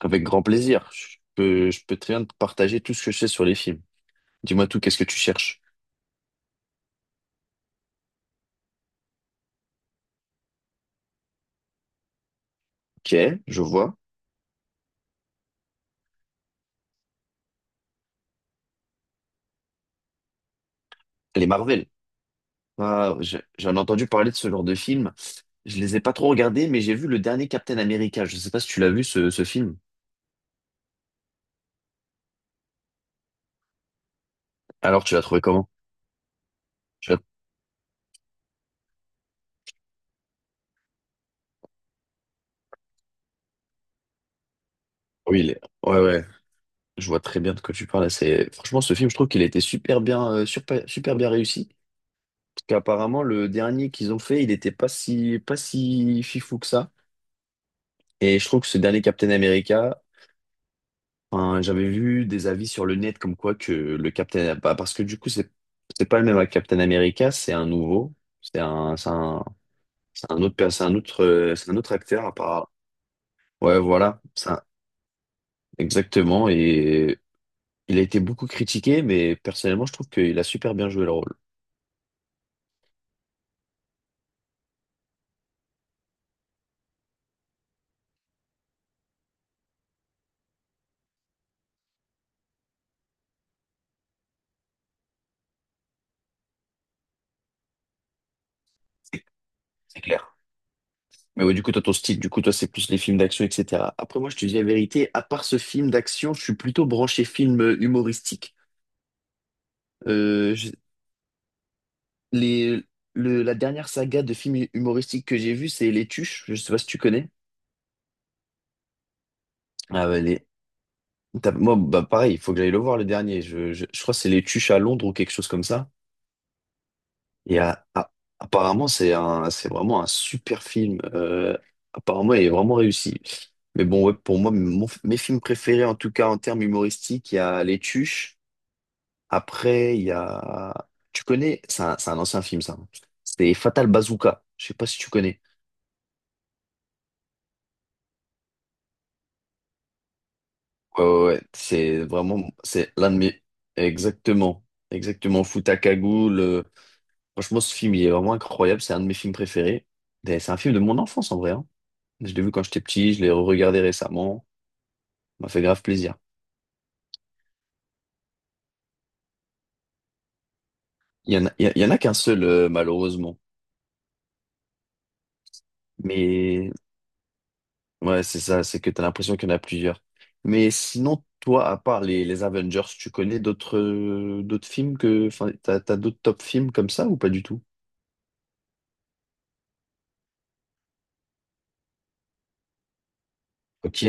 Avec grand plaisir. Je peux très bien te partager tout ce que je sais sur les films. Dis-moi tout, qu'est-ce que tu cherches? Ok, je vois. Les Marvel. Ah, j'en ai entendu parler de ce genre de film. Je les ai pas trop regardés, mais j'ai vu le dernier Captain America. Je sais pas si tu l'as vu, ce film. Alors, tu l'as trouvé comment? Tu l'as- ouais, ouais. Je vois très bien de quoi tu parles. C'est... Franchement, ce film, je trouve qu'il a été super bien, super, super bien réussi. Parce qu'apparemment, le dernier qu'ils ont fait, il était pas si fifou que ça. Et je trouve que ce dernier Captain America, enfin, j'avais vu des avis sur le net comme quoi que le Captain, bah, parce que du coup c'est pas le même avec Captain America, c'est un nouveau, c'est un c'est un c'est un c'est un autre acteur à part. Ouais, voilà, ça exactement. Et il a été beaucoup critiqué, mais personnellement, je trouve qu'il a super bien joué le rôle. C'est clair. Mais ouais, du coup, toi, ton style, du coup, toi, c'est plus les films d'action, etc. Après, moi, je te dis la vérité, à part ce film d'action, je suis plutôt branché film humoristique. Euh, je les, la dernière saga de films humoristiques que j'ai vu, c'est Les Tuches. Je sais pas si tu connais. Ah bah, les... Moi, bah, pareil, il faut que j'aille le voir le dernier. Je crois que c'est Les Tuches à Londres ou quelque chose comme ça. Et apparemment, c'est vraiment un super film. Apparemment, il est vraiment réussi. Mais bon, ouais, pour moi, mes films préférés, en tout cas en termes humoristiques, il y a Les Tuches. Après, il y a... Tu connais? C'est un ancien film, ça. C'est Fatal Bazooka. Je sais pas si tu connais. Ouais, ouais, ouais. C'est vraiment, c'est l'un de mes, exactement, exactement, Futakagu, le, franchement, ce film, il est vraiment incroyable, c'est un de mes films préférés. Et c'est un film de mon enfance, en vrai, hein. Je l'ai vu quand j'étais petit, je l'ai regardé récemment, ça m'a fait grave plaisir. Il y en a, il y en a qu'un seul, malheureusement. Mais, ouais, c'est ça, c'est que t'as l'impression qu'il y en a plusieurs. Mais sinon, toi, à part les Avengers, tu connais d'autres, d'autres films que, enfin, t'as d'autres top films comme ça ou pas du tout? Ok.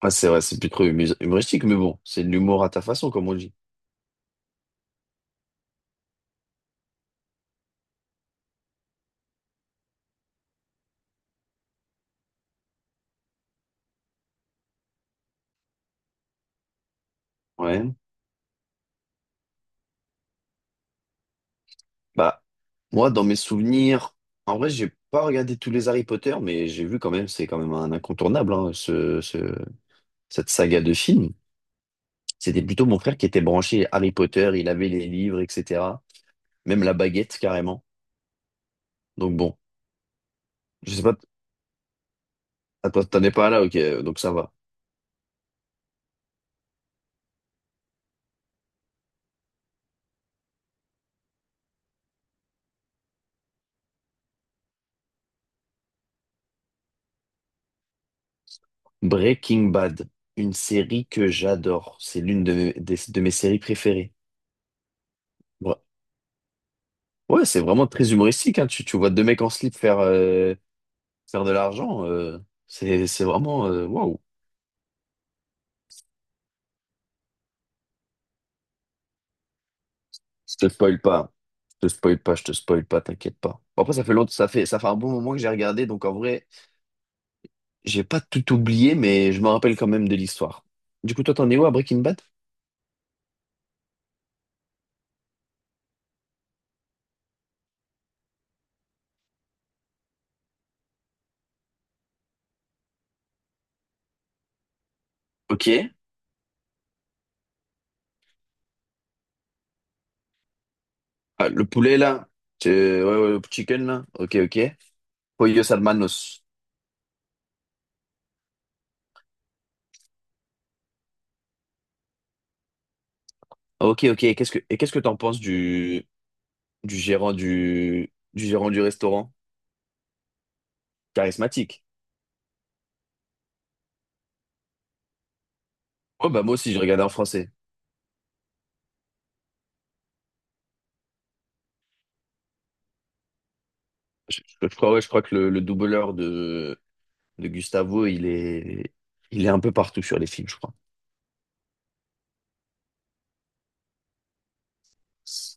Ah, c'est vrai, c'est plus trop humoristique, mais bon, c'est de l'humour à ta façon, comme on dit. Ouais. Bah, moi, dans mes souvenirs, en vrai, j'ai pas regardé tous les Harry Potter, mais j'ai vu quand même, c'est quand même un incontournable, hein, cette saga de films. C'était plutôt mon frère qui était branché Harry Potter, il avait les livres, etc. Même la baguette, carrément. Donc bon, je sais pas, attends, t'en es pas là, ok, donc ça va. Breaking Bad, une série que j'adore. C'est l'une de de mes séries préférées. Ouais, c'est vraiment très humoristique, hein. Tu vois deux mecs en slip faire, faire de l'argent. C'est vraiment, waouh. Je te spoil pas. Je te spoil pas, t'inquiète pas. Bon, après, ça fait longtemps, ça fait un bon moment que j'ai regardé, donc en vrai, j'ai pas tout oublié, mais je me rappelle quand même de l'histoire. Du coup, toi, t'en es où à Breaking Bad? Ok. Ah, le poulet, là. Ouais, ouais, le chicken, là. Ok, ok. Pollos Hermanos. Ok, ok. Et et qu'est-ce que t'en penses du gérant du gérant du restaurant? Charismatique. Oh bah moi aussi, je regardais en français. Je crois, ouais, je crois que le doubleur de Gustavo, il est un peu partout sur les films, je crois.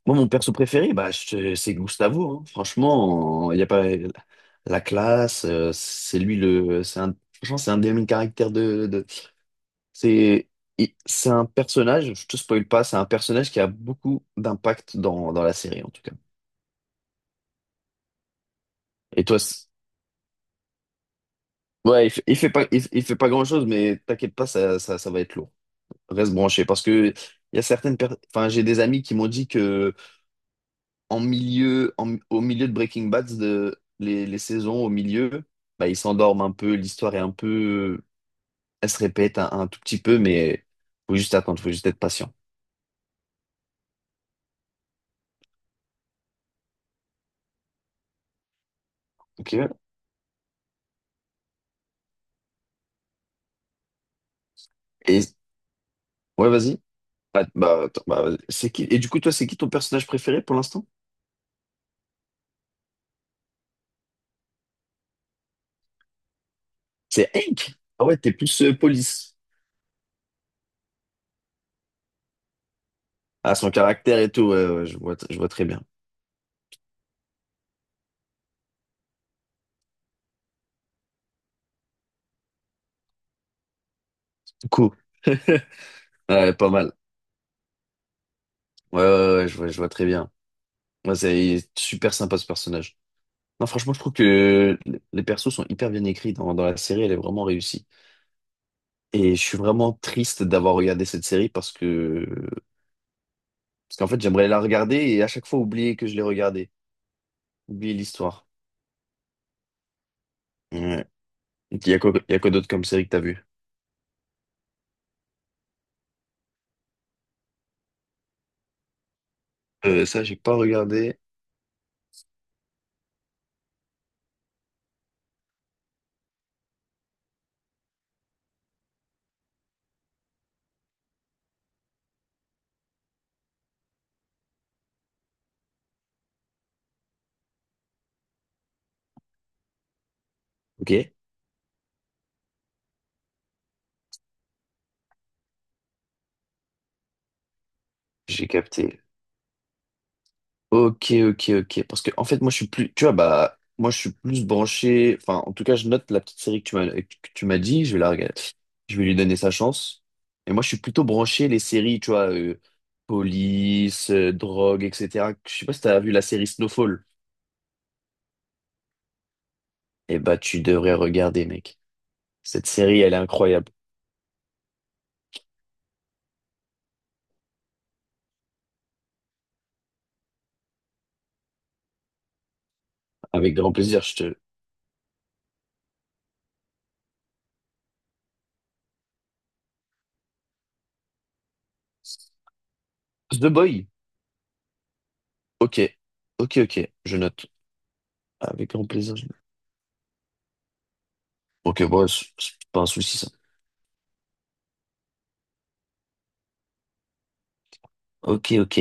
Moi, mon perso préféré, bah, c'est Gustavo. Hein. Franchement, il n'y a pas la classe. C'est lui le. C'est un, franchement, c'est un des meilleurs caractères c'est c'est un personnage, je te spoil pas, c'est un personnage qui a beaucoup d'impact dans la série, en tout cas. Et toi, c'est- ouais, il fait pas grand-chose, mais t'inquiète pas, ça va être lourd. Reste branché parce que il y a certaines personnes enfin j'ai des amis qui m'ont dit que au milieu de les saisons au milieu bah ils s'endorment un peu l'histoire est un peu elle se répète un tout petit peu mais faut juste attendre faut juste être patient ok et ouais vas-y vas-y. C'est qui et du coup toi c'est qui ton personnage préféré pour l'instant c'est Hank ah ouais t'es plus police ah son caractère et tout ouais, ouais, je vois très bien cool ouais, pas mal ouais, ouais, ouais, je vois très bien. Ouais, c'est super sympa ce personnage. Non, franchement, je trouve que les persos sont hyper bien écrits dans la série, elle est vraiment réussie. Et je suis vraiment triste d'avoir regardé cette série parce qu'en fait, j'aimerais la regarder et à chaque fois oublier que je l'ai regardée, oublier l'histoire. Ouais. Il y a quoi d'autre comme série que t'as vu? Ça, j'ai pas regardé. Ok, j'ai capté. Ok, ok, ok. Parce que, en fait, moi, je suis plus, tu vois, bah, moi, je suis plus branché. Enfin, en tout cas, je note la petite série que tu m'as dit. Je vais la regarder. Je vais lui donner sa chance. Et moi, je suis plutôt branché les séries, tu vois, police, drogue, etc. Je sais pas si t'as vu la série Snowfall. Eh bah, tu devrais regarder, mec. Cette série, elle est incroyable. Avec grand plaisir, je te. The Boy. Ok, ok, ok. Je note. Avec grand plaisir. Je note. Ok, bon, c'est pas un souci, ça. Ok, ok.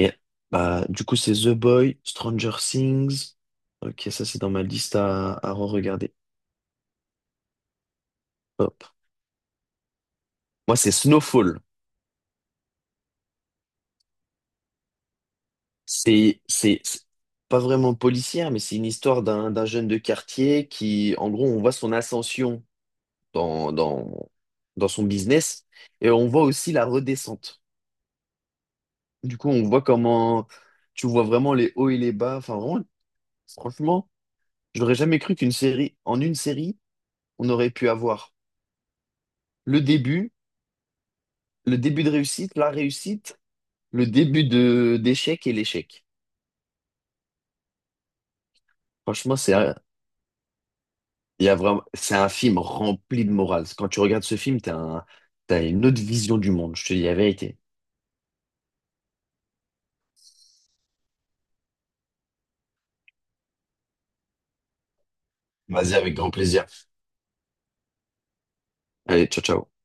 Bah, du coup, c'est The Boy, Stranger Things. Ok, ça, c'est dans ma liste à re-regarder. Hop. Moi, c'est Snowfall. C'est pas vraiment policière, mais c'est une histoire d'un jeune de quartier qui, en gros, on voit son ascension dans, dans, dans son business et on voit aussi la redescente. Du coup, on voit comment tu vois vraiment les hauts et les bas. Enfin, vraiment, franchement, j'aurais jamais cru qu'une série, en une série, on aurait pu avoir le début le début de réussite, la réussite, le début de d'échec et l'échec. Franchement, il y a vraiment, c'est un film rempli de morale. Quand tu regardes ce film, t'as une autre vision du monde, je te dis la vérité. Vas-y, avec grand plaisir. Allez, ciao, ciao.